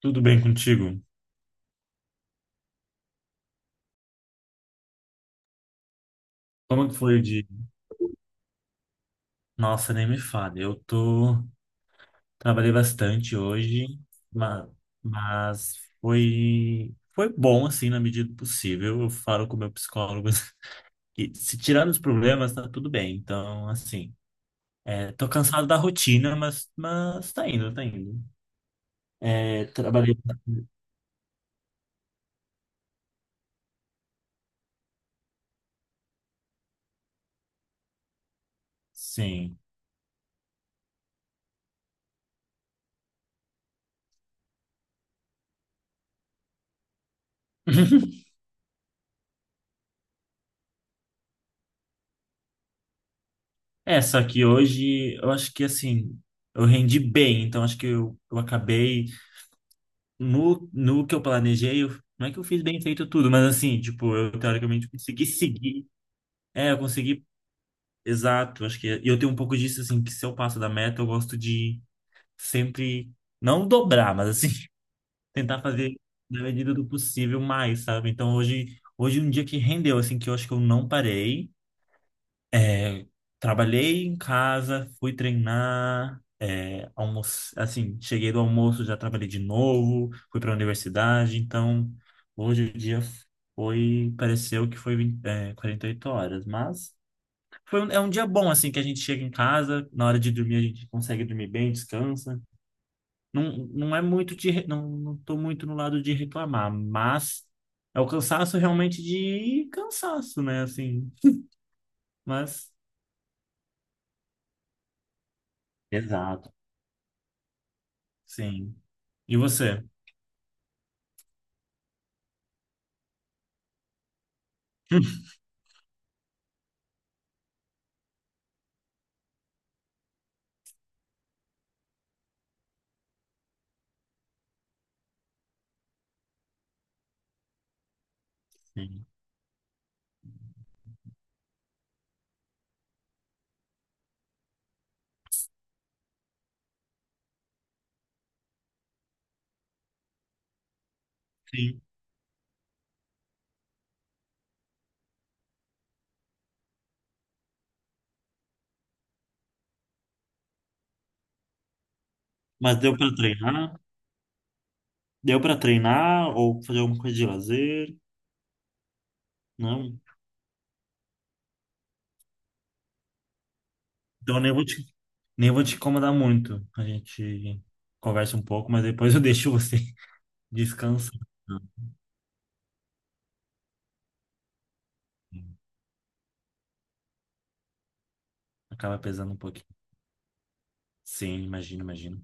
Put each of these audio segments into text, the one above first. Tudo bem contigo? Como que foi o dia? Nossa, nem me fale. Eu tô... Trabalhei bastante hoje, ma- mas, Foi bom, assim, na medida do possível. Eu falo com o meu psicólogo que se tirar os problemas, tá tudo bem. Então, assim, tô cansado da rotina, mas tá indo, tá indo. É, trabalhei... Sim. É, só que hoje eu acho que assim, eu rendi bem, então acho que eu acabei no que eu planejei, não é que eu fiz bem feito tudo, mas assim, tipo, eu teoricamente consegui seguir. É, eu consegui, exato. Acho que é, e eu tenho um pouco disso, assim, que se eu passo da meta, eu gosto de sempre, não dobrar, mas assim, tentar fazer na medida do possível mais, sabe? Então hoje, hoje é um dia que rendeu, assim, que eu acho que eu não parei. É, trabalhei em casa, fui treinar, é, almoço, assim, cheguei do almoço, já trabalhei de novo, fui para a universidade, então hoje o dia foi, pareceu que foi, é, 48 horas, mas é um dia bom, assim, que a gente chega em casa, na hora de dormir a gente consegue dormir bem, descansa. Não, não é muito de, não, não tô muito no lado de reclamar, mas é o cansaço realmente de cansaço, né, assim, mas... Exato. Sim. E você? Sim. Sim. Mas deu para treinar? Deu para treinar ou fazer alguma coisa de lazer? Não. Então nem vou te incomodar muito. A gente conversa um pouco, mas depois eu deixo você descansar. Acaba pesando um pouquinho. Sim, imagino, imagino.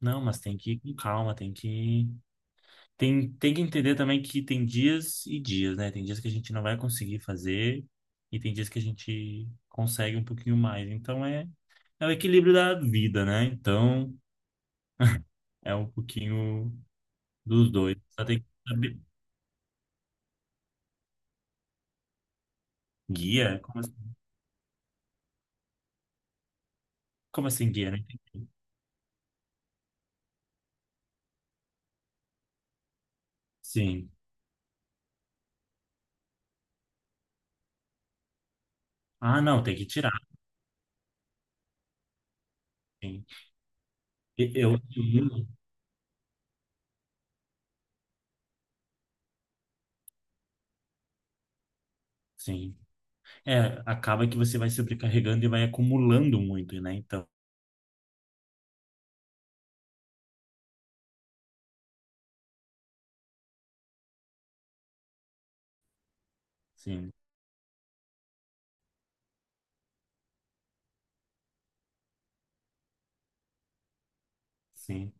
Não, mas tem que ir com calma, tem, tem que entender também que tem dias e dias, né? Tem dias que a gente não vai conseguir fazer e tem dias que a gente consegue um pouquinho mais. Então é, é o equilíbrio da vida, né? Então, é um pouquinho dos dois. Só tem que saber. Guia? Como assim, guia? Né? Sim. Ah, não, tem que tirar. Sim. E- Eu. Sim. É, acaba que você vai sobrecarregando e vai acumulando muito, né? Então, sim, sim.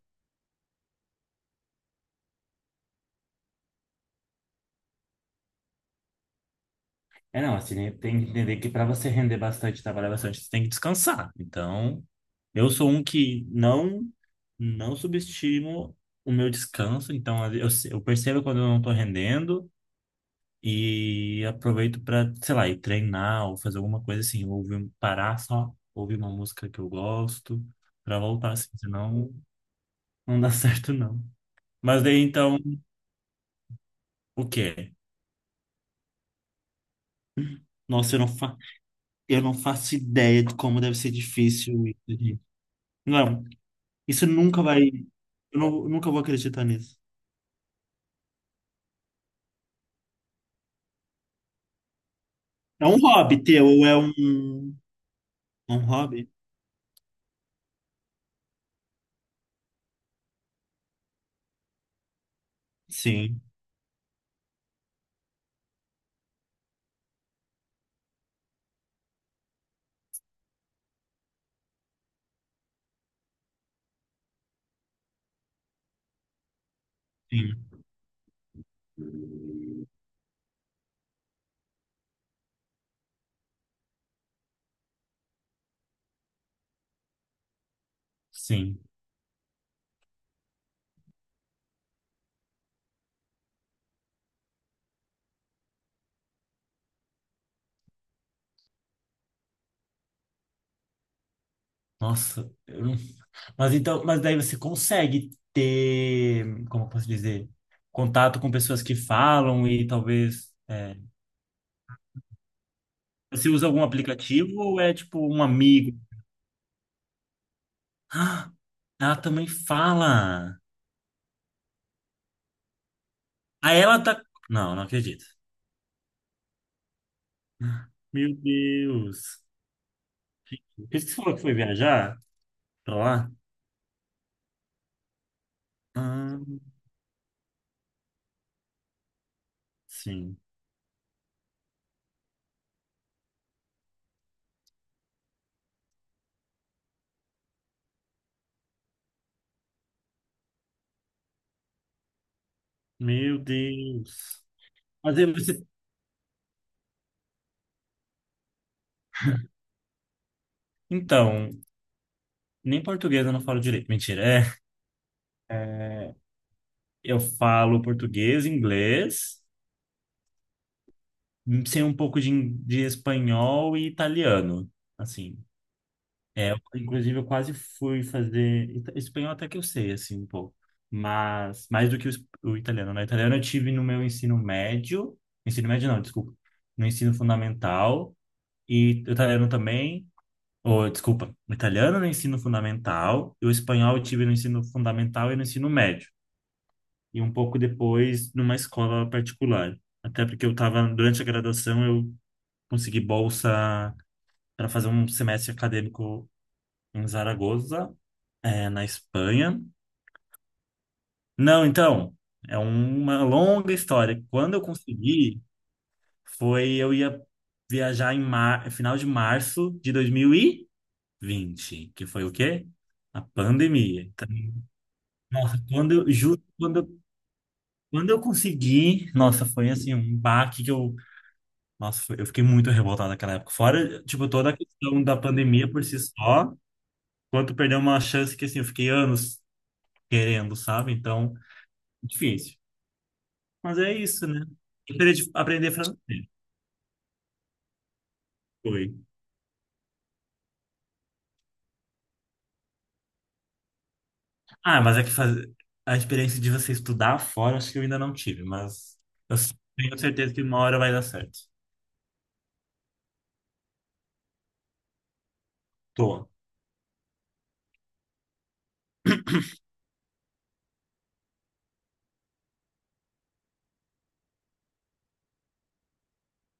É, não, assim, né, tem que entender que para você render bastante, trabalhar bastante, você tem que descansar. Então, eu sou um que não, não subestimo o meu descanso. Então, eu percebo quando eu não estou rendendo. E aproveito para, sei lá, ir treinar ou fazer alguma coisa assim, ou ouvir, parar só, ouvir uma música que eu gosto, para voltar assim, senão não dá certo não. Mas daí então, o quê? Nossa, eu não, fa eu não faço ideia de como deve ser difícil isso, gente. Não, isso nunca vai, eu nunca vou acreditar nisso. É um hobby teu, ou é um hobby? Sim, sim, sim. Nossa, eu não- mas então, mas daí você consegue ter, como eu posso dizer, contato com pessoas que falam e talvez é, você usa algum aplicativo ou é tipo um amigo? Ah, ela também fala. Aí ela tá. Não, não acredito. Meu Deus. Por isso que você falou que foi viajar pra lá? Ah, sim. Meu Deus. Mas aí você. Então, nem português eu não falo direito. Mentira, é. É, eu falo português, inglês, sei um pouco de espanhol e italiano, assim. É, eu, inclusive, eu quase fui fazer espanhol até que eu sei, assim, um pouco. Mas mais do que o italiano, né? Italiano eu tive no meu ensino médio não, desculpa, no ensino fundamental e o italiano também, ou desculpa, o italiano no ensino fundamental e o espanhol eu tive no ensino fundamental e no ensino médio, e um pouco depois numa escola particular. Até porque eu estava, durante a graduação, eu consegui bolsa para fazer um semestre acadêmico em Zaragoza, na Espanha. Não, então, é uma longa história. Quando eu consegui, foi eu ia viajar em mar... final de março de 2020, que foi o quê? A pandemia. Então, Nossa, quando eu, juro, quando eu consegui, nossa, foi assim um baque que eu eu fiquei muito revoltado naquela época. Fora, tipo, toda a questão da pandemia por si só, quanto perder uma chance que, assim, eu fiquei anos querendo, sabe? Então, difícil. Mas é isso, né? Aprender francês, foi. Ah, mas é que faz... a experiência de você estudar fora, acho que eu ainda não tive, mas eu tenho certeza que uma hora vai dar certo. Tô,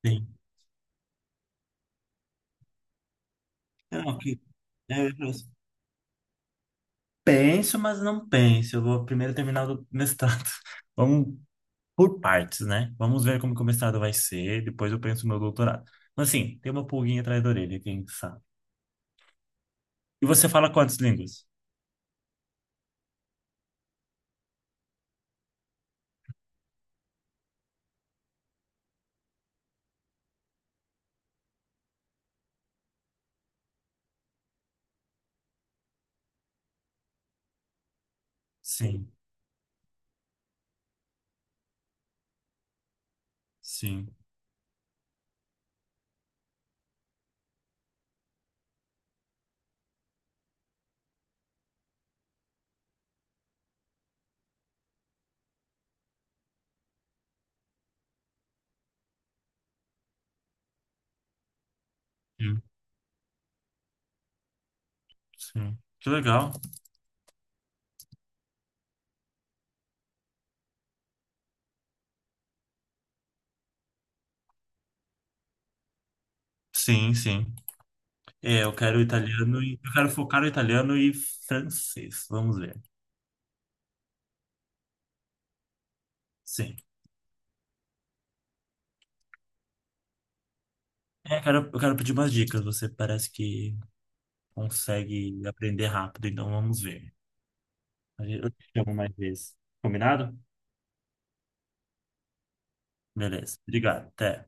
sim. É, não, que... é, eu penso, mas não penso. Eu vou primeiro terminar o mestrado. Vamos por partes, né? Vamos ver como que o mestrado vai ser, depois eu penso no meu doutorado. Mas assim, tem uma pulguinha atrás da orelha, quem sabe. E você fala quantas línguas? Sim, sim, sim, sim. Que legal. Sim, sim. É, eu quero italiano e eu quero focar no italiano e francês. Vamos ver. Sim. É, eu quero pedir umas dicas. Você parece que consegue aprender rápido, então vamos ver. Eu te chamo mais vezes. Combinado? Beleza. Obrigado. Até.